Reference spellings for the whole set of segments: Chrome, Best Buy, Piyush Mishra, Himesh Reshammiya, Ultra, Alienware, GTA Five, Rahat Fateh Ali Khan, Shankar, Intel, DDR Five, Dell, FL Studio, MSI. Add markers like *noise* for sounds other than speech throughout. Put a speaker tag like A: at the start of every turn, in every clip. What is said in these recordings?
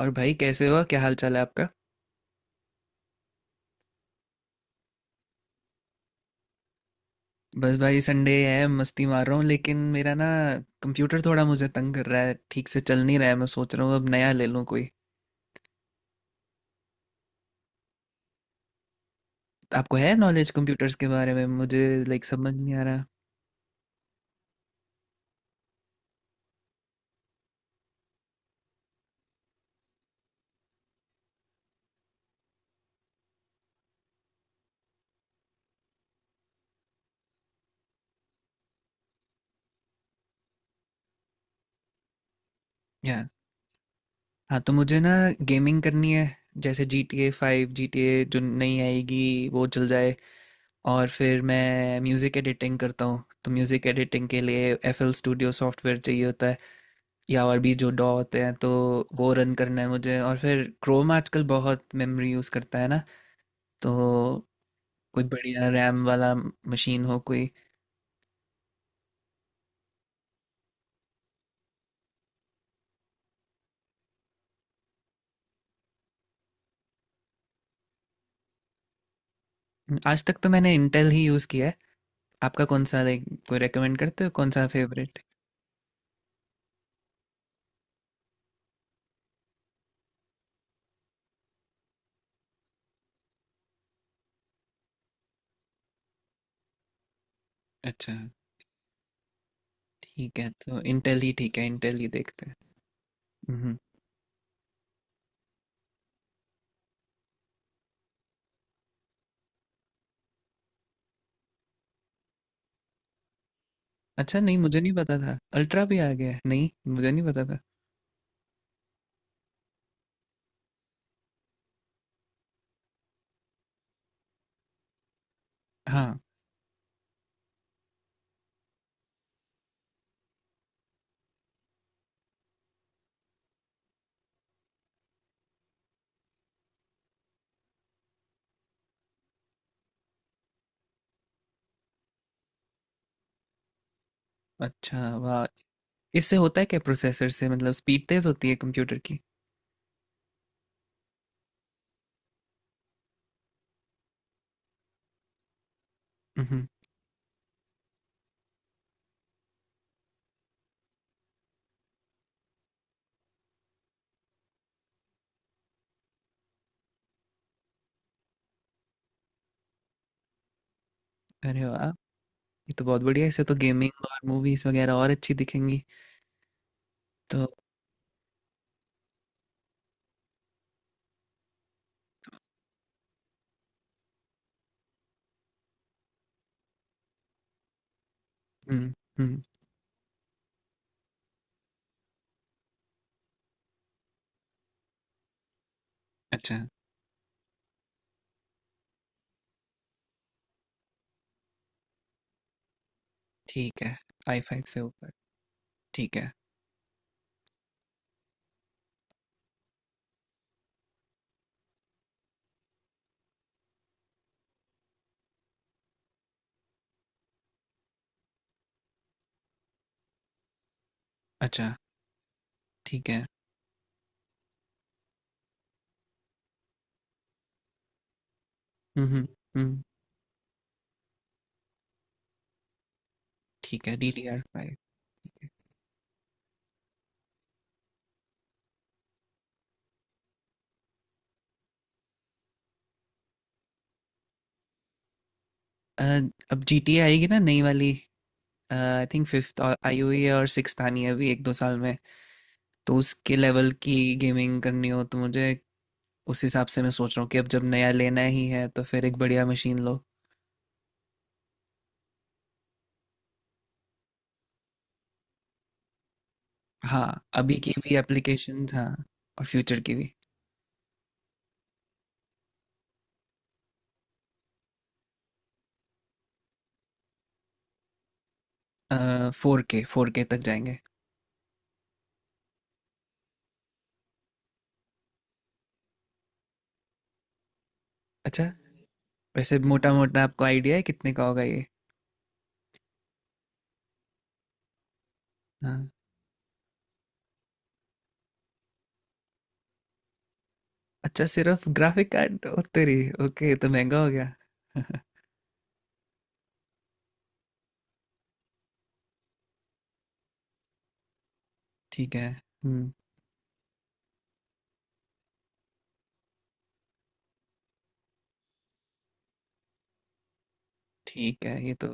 A: और भाई, कैसे हो? क्या हाल चाल है आपका? बस भाई, संडे है, मस्ती मार रहा हूँ। लेकिन मेरा ना, कंप्यूटर थोड़ा मुझे तंग कर रहा है, ठीक से चल नहीं रहा है। मैं सोच रहा हूँ अब नया ले लूँ कोई। आपको है नॉलेज कंप्यूटर्स के बारे में? मुझे लाइक समझ नहीं आ रहा। या हाँ, तो मुझे ना, गेमिंग करनी है। जैसे GTA 5, GTA जो नई आएगी वो चल जाए। और फिर मैं म्यूज़िक एडिटिंग करता हूँ, तो म्यूज़िक एडिटिंग के लिए FL Studio सॉफ्टवेयर चाहिए होता। या और भी जो डॉ होते हैं, तो वो रन करना है मुझे। और फिर क्रोम आजकल बहुत मेमोरी यूज़ करता है ना। तो कोई बढ़िया रैम वाला मशीन हो कोई। आज तक तो मैंने इंटेल ही यूज़ किया है। आपका कौन सा? लाइक कोई रेकमेंड करते हो, कौन सा फेवरेट? अच्छा। ठीक है, तो इंटेल ही ठीक है, इंटेल ही देखते हैं। हम्म। अच्छा, नहीं मुझे नहीं पता था, अल्ट्रा भी आ गया है, नहीं मुझे नहीं पता था। हाँ। अच्छा वाह। इससे होता है क्या प्रोसेसर से? मतलब स्पीड तेज़ होती है कंप्यूटर की? हम्म। अरे वाह, ये तो बहुत बढ़िया है, इससे तो गेमिंग और मूवीज वगैरह और अच्छी दिखेंगी। तो। हम्म। हम्म। अच्छा। ठीक है। i5 से ऊपर। ठीक है। अच्छा। ठीक है। हम्म। हम्म। हम्म। ठीक है, DDR5। अब जी टी आएगी ना नई वाली। आई थिंक फिफ्थ आई हुई है और सिक्स्थ आनी है अभी एक दो साल में। तो उसके लेवल की गेमिंग करनी हो तो मुझे, उस हिसाब से मैं सोच रहा हूँ कि अब जब नया लेना ही है तो फिर एक बढ़िया मशीन लो। हाँ, अभी की भी एप्लीकेशन। हाँ, और फ्यूचर की भी। 4K, 4K तक जाएंगे। अच्छा। वैसे मोटा मोटा आपको आइडिया है कितने का होगा ये? हाँ। अच्छा, सिर्फ ग्राफिक कार्ड और तेरी। ओके, तो महंगा हो गया। *laughs* ठीक है। हम्म। ठीक है, ये तो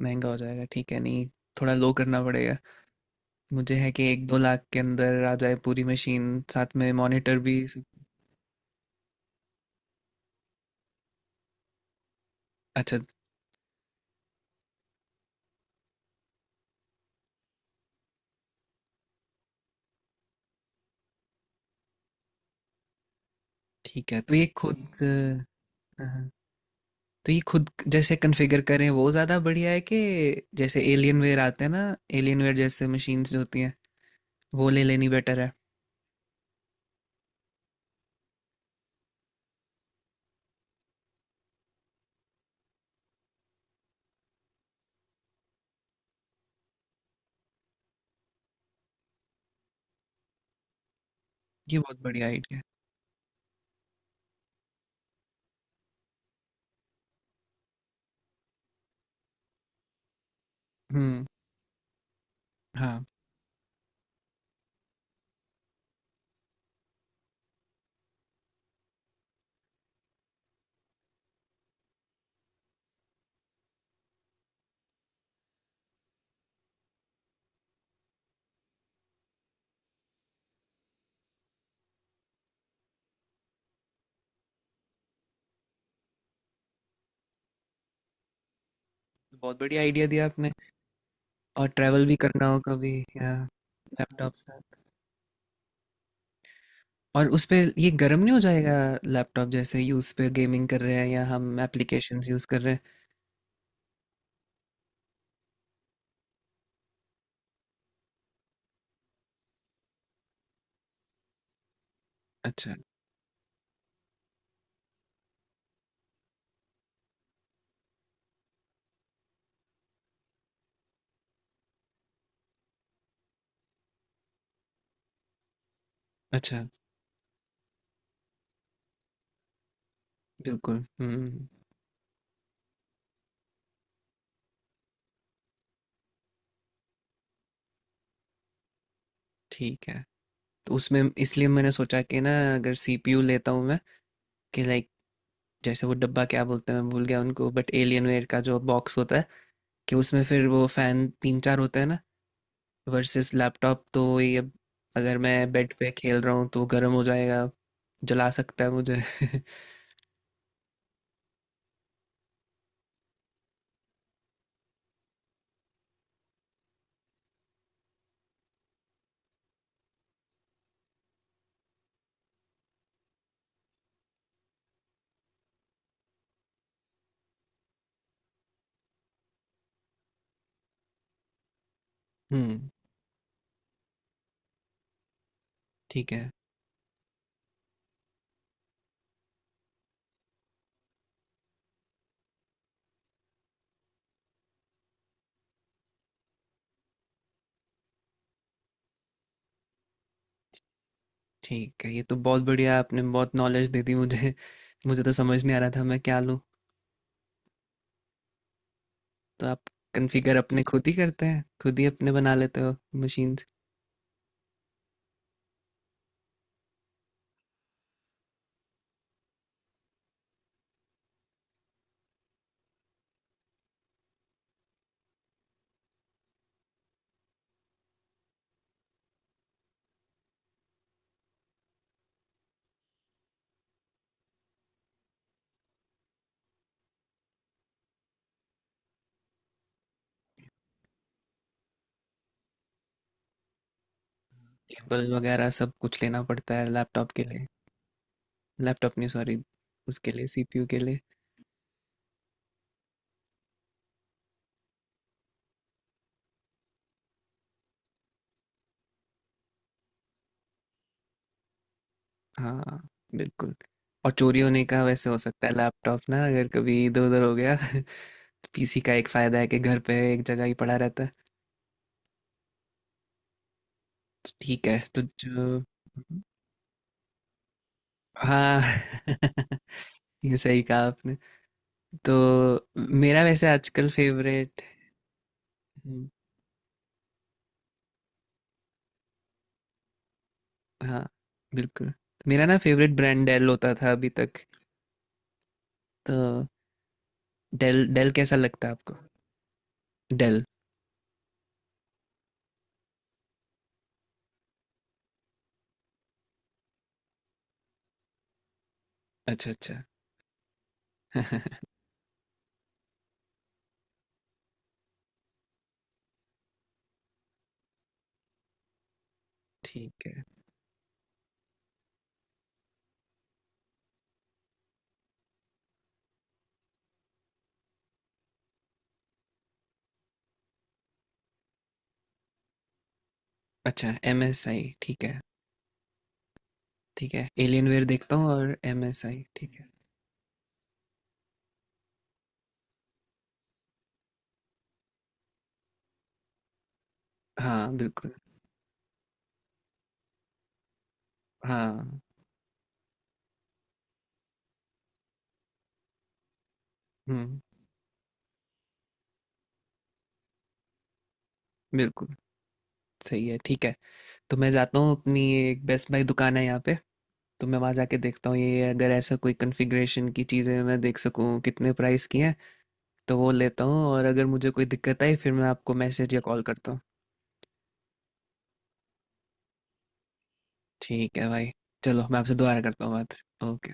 A: महंगा हो जाएगा। ठीक है, नहीं थोड़ा लो करना पड़ेगा। मुझे है कि एक दो लाख के अंदर आ जाए पूरी मशीन, साथ में मॉनिटर भी सब-। अच्छा, ठीक है। हाँ, तो ये खुद जैसे कॉन्फ़िगर करें वो ज़्यादा बढ़िया है कि। जैसे एलियन वेयर आते हैं ना, एलियन वेयर जैसे मशीन्स जो होती हैं, वो ले लेनी बेटर है। ये बहुत बढ़िया आइडिया है। हम्म। हाँ, बहुत बढ़िया आइडिया दिया आपने। और ट्रैवल भी करना हो कभी, या लैपटॉप साथ। और उस पे ये गर्म नहीं हो जाएगा, लैपटॉप, जैसे ही उस पे गेमिंग कर रहे हैं या हम एप्लीकेशंस यूज कर रहे हैं? अच्छा। अच्छा, बिल्कुल। हम्म। ठीक है। तो उसमें इसलिए मैंने सोचा कि ना, अगर CPU लेता हूँ मैं, कि लाइक जैसे वो डब्बा, क्या बोलते हैं मैं भूल गया उनको, बट एलियन वेयर का जो बॉक्स होता है, कि उसमें फिर वो फैन तीन चार होते हैं ना, वर्सेस लैपटॉप तो ये, अगर मैं बेड पे खेल रहा हूँ तो गर्म हो जाएगा। जला सकता है मुझे। *laughs* हम्म। ठीक है। ठीक है, ये तो बहुत बढ़िया, आपने बहुत नॉलेज दे दी मुझे। *laughs* मुझे तो समझ नहीं आ रहा था मैं क्या लूँ। तो आप कॉन्फ़िगर अपने खुद ही करते हैं, खुद ही अपने बना लेते हो मशीन? केबल वगैरह सब कुछ लेना पड़ता है लैपटॉप के लिए। लैपटॉप नहीं, सॉरी, उसके लिए, CPU के लिए। हाँ बिल्कुल। और चोरी होने का वैसे हो सकता है लैपटॉप ना, अगर कभी इधर उधर हो गया। *laughs* PC का एक फायदा है कि घर पे एक जगह ही पड़ा रहता है। तो ठीक है, तो जो। हाँ। *laughs* ये सही कहा आपने। तो मेरा वैसे आजकल फेवरेट। हाँ बिल्कुल। मेरा ना फेवरेट ब्रांड डेल होता था अभी तक। तो डेल, डेल कैसा लगता है आपको? डेल। अच्छा अच्छा। *laughs* ठीक है। अच्छा, MSI ठीक है। ठीक है, एलियनवेयर देखता हूँ और MSI ठीक है। हाँ बिल्कुल। हाँ। हम्म। बिल्कुल सही है। ठीक है, तो मैं जाता हूँ अपनी। एक बेस्ट बाय दुकान है यहाँ पे, तो मैं वहाँ जाके देखता हूँ ये, अगर ऐसा कोई कन्फिग्रेशन की चीज़ें मैं देख सकूँ कितने प्राइस की हैं, तो वो लेता हूँ। और अगर मुझे कोई दिक्कत आई फिर मैं आपको मैसेज या कॉल करता हूँ। ठीक है भाई। चलो, मैं आपसे दोबारा करता हूँ बात। ओके।